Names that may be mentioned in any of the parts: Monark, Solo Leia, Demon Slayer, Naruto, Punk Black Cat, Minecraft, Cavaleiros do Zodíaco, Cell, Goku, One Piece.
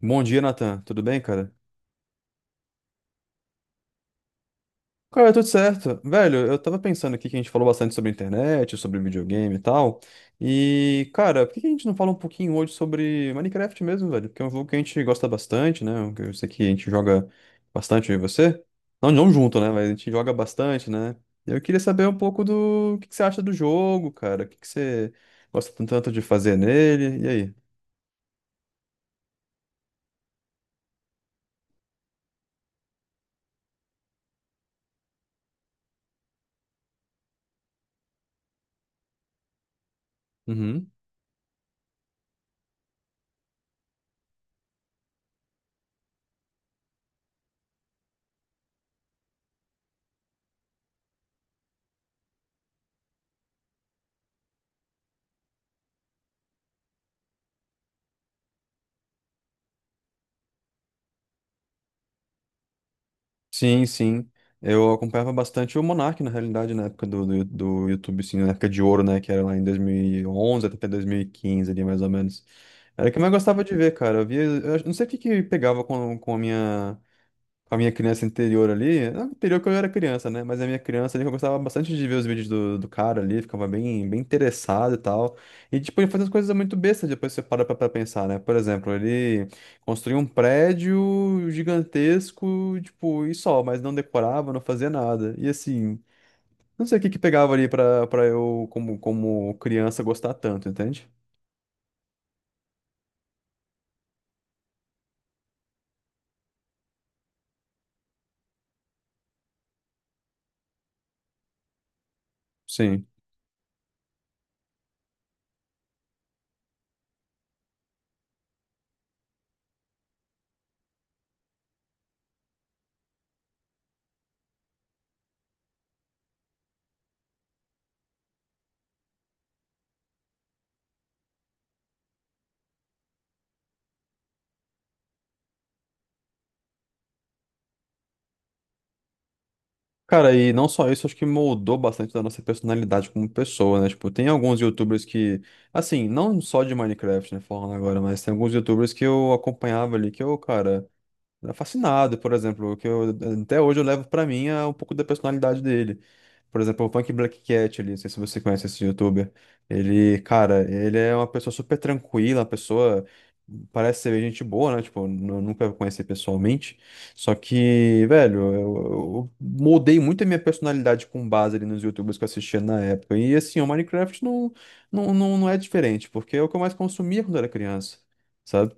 Bom dia, Nathan. Tudo bem, cara? Cara, tudo certo. Velho, eu tava pensando aqui que a gente falou bastante sobre internet, sobre videogame e tal. E, cara, por que que a gente não fala um pouquinho hoje sobre Minecraft mesmo, velho? Porque é um jogo que a gente gosta bastante, né? Um que eu sei que a gente joga bastante, eu e você. Não, não junto, né? Mas a gente joga bastante, né? Eu queria saber um pouco do o que que você acha do jogo, cara. O que que você gosta tanto de fazer nele? E aí? Sim, sim. Eu acompanhava bastante o Monark, na realidade, na época do YouTube, sim, na época de ouro, né? Que era lá em 2011 até 2015 ali, mais ou menos. Era o que eu mais gostava de ver, cara. Eu via, eu não sei o que que pegava com a minha com a minha criança interior ali, não interior que eu era criança, né? Mas a minha criança ali, que eu gostava bastante de ver os vídeos do cara ali, ficava bem, bem interessado e tal. E, tipo, ele fazia umas coisas muito bestas, depois você para pra pensar, né? Por exemplo, ele construía um prédio gigantesco, tipo, e só, mas não decorava, não fazia nada. E, assim, não sei o que que pegava ali pra eu, como criança, gostar tanto, entende? Sim. Cara, e não só isso, acho que moldou bastante da nossa personalidade como pessoa, né? Tipo, tem alguns YouTubers que, assim, não só de Minecraft, né, falando agora, mas tem alguns YouTubers que eu acompanhava ali que eu, cara, era fascinado, por exemplo, que eu até hoje eu levo pra mim é um pouco da personalidade dele. Por exemplo, o Punk Black Cat ali, não sei se você conhece esse youtuber. Ele, cara, ele é uma pessoa super tranquila, uma pessoa parece ser gente boa, né? Tipo, nunca conheci pessoalmente. Só que, velho, eu moldei muito a minha personalidade com base ali nos youtubers que eu assistia na época. E assim, o Minecraft não é diferente, porque é o que eu mais consumia quando era criança, sabe?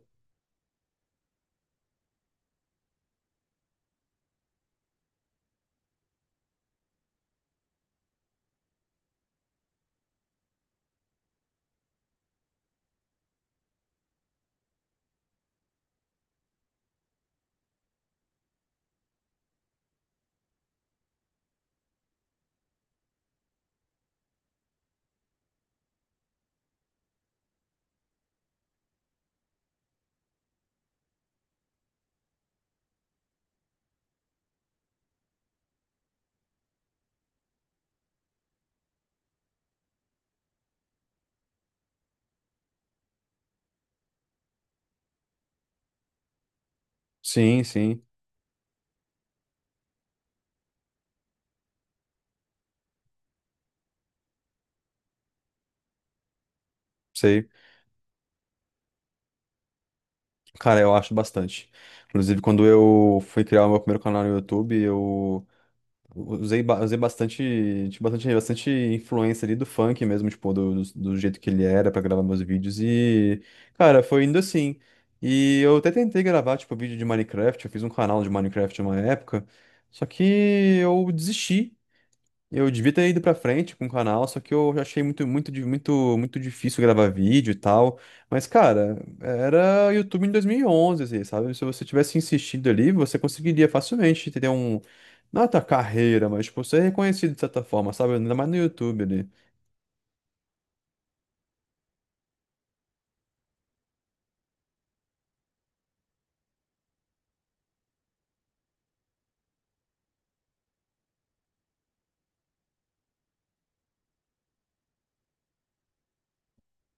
Sim, sim, sei. Cara, eu acho bastante. Inclusive, quando eu fui criar o meu primeiro canal no YouTube, eu usei bastante, tinha bastante influência ali do funk mesmo, tipo, do jeito que ele era pra gravar meus vídeos. E, cara, foi indo assim. E eu até tentei gravar, tipo, vídeo de Minecraft. Eu fiz um canal de Minecraft uma época. Só que eu desisti. Eu devia ter ido pra frente com o canal, só que eu já achei muito difícil gravar vídeo e tal. Mas, cara, era YouTube em 2011, assim, sabe? Se você tivesse insistido ali, você conseguiria facilmente ter um... Não a tua carreira, mas, tipo, ser reconhecido de certa forma, sabe? Ainda mais no YouTube ali.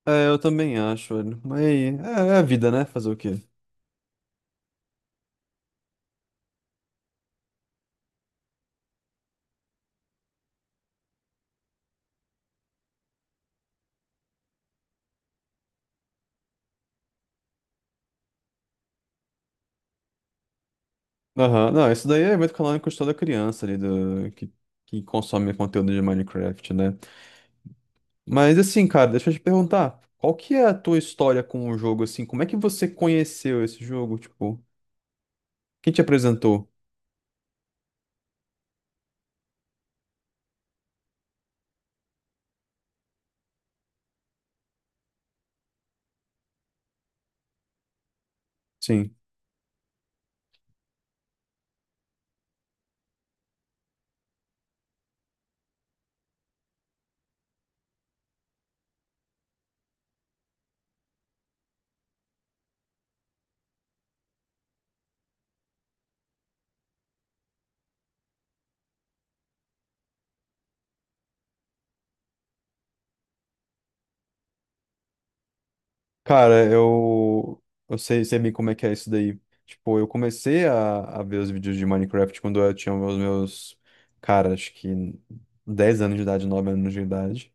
É, eu também acho, velho. Mas é a vida, né? Fazer o quê? Aham. Não, isso daí é evento canônico de toda criança ali do... que consome conteúdo de Minecraft, né? Mas assim, cara, deixa eu te perguntar, qual que é a tua história com o jogo, assim? Como é que você conheceu esse jogo? Tipo, quem te apresentou? Sim. Cara, eu sei, sei bem como é que é isso daí. Tipo, eu comecei a ver os vídeos de Minecraft quando eu tinha os meus, cara, acho que 10 anos de idade, 9 anos de idade.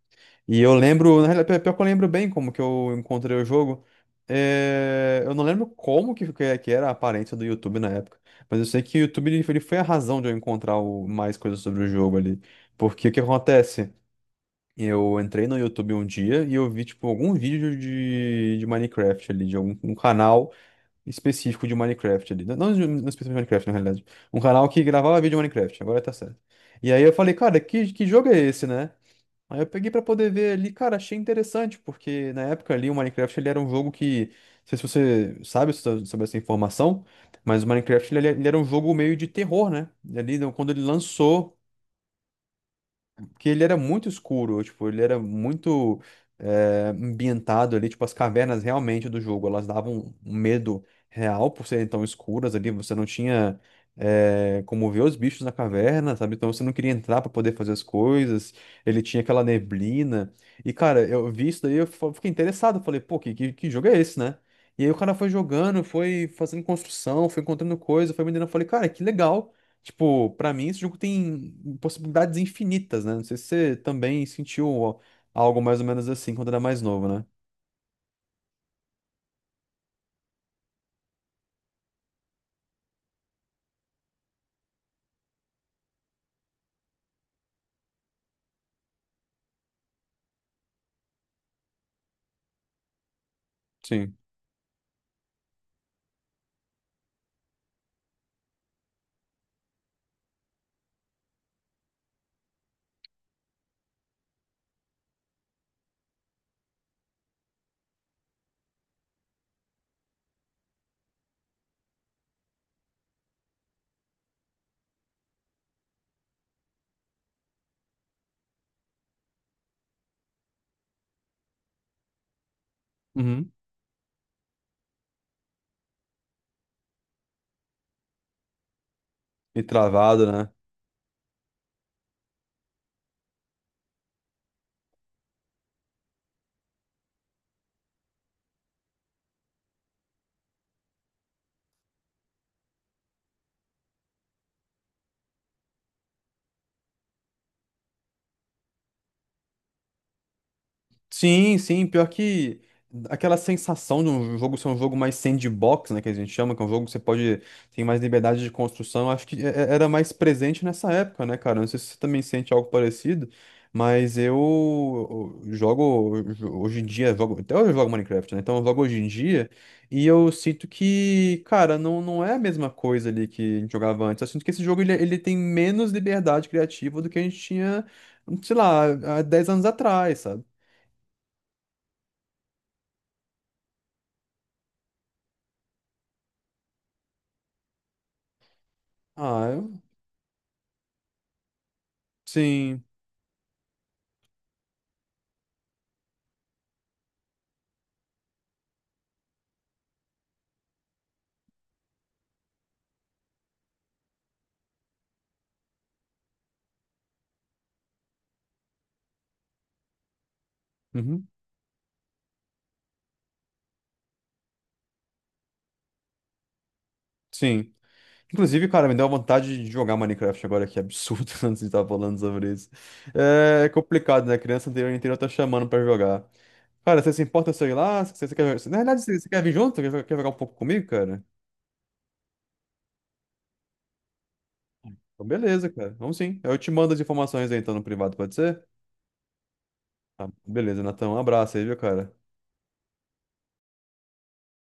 E eu lembro, na realidade, pior que eu lembro bem como que eu encontrei o jogo. É, eu não lembro como que era a aparência do YouTube na época, mas eu sei que o YouTube ele foi a razão de eu encontrar mais coisas sobre o jogo ali. Porque o que acontece? Eu entrei no YouTube um dia e eu vi, tipo, algum vídeo de Minecraft ali, de algum um canal específico de Minecraft ali. Não, não específico de Minecraft, na realidade. Um canal que gravava vídeo de Minecraft, agora tá certo. E aí eu falei, cara, que jogo é esse, né? Aí eu peguei pra poder ver ali, cara, achei interessante, porque na época ali o Minecraft ele era um jogo que, não sei se você sabe sobre essa informação, mas o Minecraft ele era um jogo meio de terror, né? E ali, quando ele lançou, porque ele era muito escuro, tipo, ele era muito ambientado ali, tipo, as cavernas realmente do jogo, elas davam um medo real por serem tão escuras ali, você não tinha como ver os bichos na caverna, sabe? Então você não queria entrar pra poder fazer as coisas, ele tinha aquela neblina. E, cara, eu vi isso daí, fiquei interessado, falei, pô, que jogo é esse, né? E aí o cara foi jogando, foi fazendo construção, foi encontrando coisa, foi vendendo. Eu falei, cara, que legal. Tipo, pra mim esse jogo tem possibilidades infinitas, né? Não sei se você também sentiu algo mais ou menos assim quando era mais novo, né? Sim. Uhum. E travado, né? Sim, sim, pior que aquela sensação de um jogo ser um jogo mais sandbox, né, que a gente chama, que é um jogo que você pode tem mais liberdade de construção, eu acho que era mais presente nessa época, né, cara? Não sei se você também sente algo parecido, mas eu jogo hoje em dia, jogo, até hoje eu jogo Minecraft, né? Então eu jogo hoje em dia e eu sinto que, cara, não, não é a mesma coisa ali que a gente jogava antes. Eu sinto que esse jogo ele tem menos liberdade criativa do que a gente tinha, sei lá, há 10 anos atrás, sabe? Ah, eu... Sim. Uhum. Sim. Inclusive, cara, me deu uma vontade de jogar Minecraft agora, que é absurdo, antes de estar falando sobre isso. É complicado, né? Criança anterior inteira tá chamando pra jogar. Cara, você se importa se eu ir lá? Você, você quer... Na verdade, você quer vir junto? Quer, quer jogar um pouco comigo, cara? Então, beleza, cara. Vamos sim. Eu te mando as informações aí, então, no privado, pode ser? Tá, beleza, Natão. Um abraço aí, viu, cara?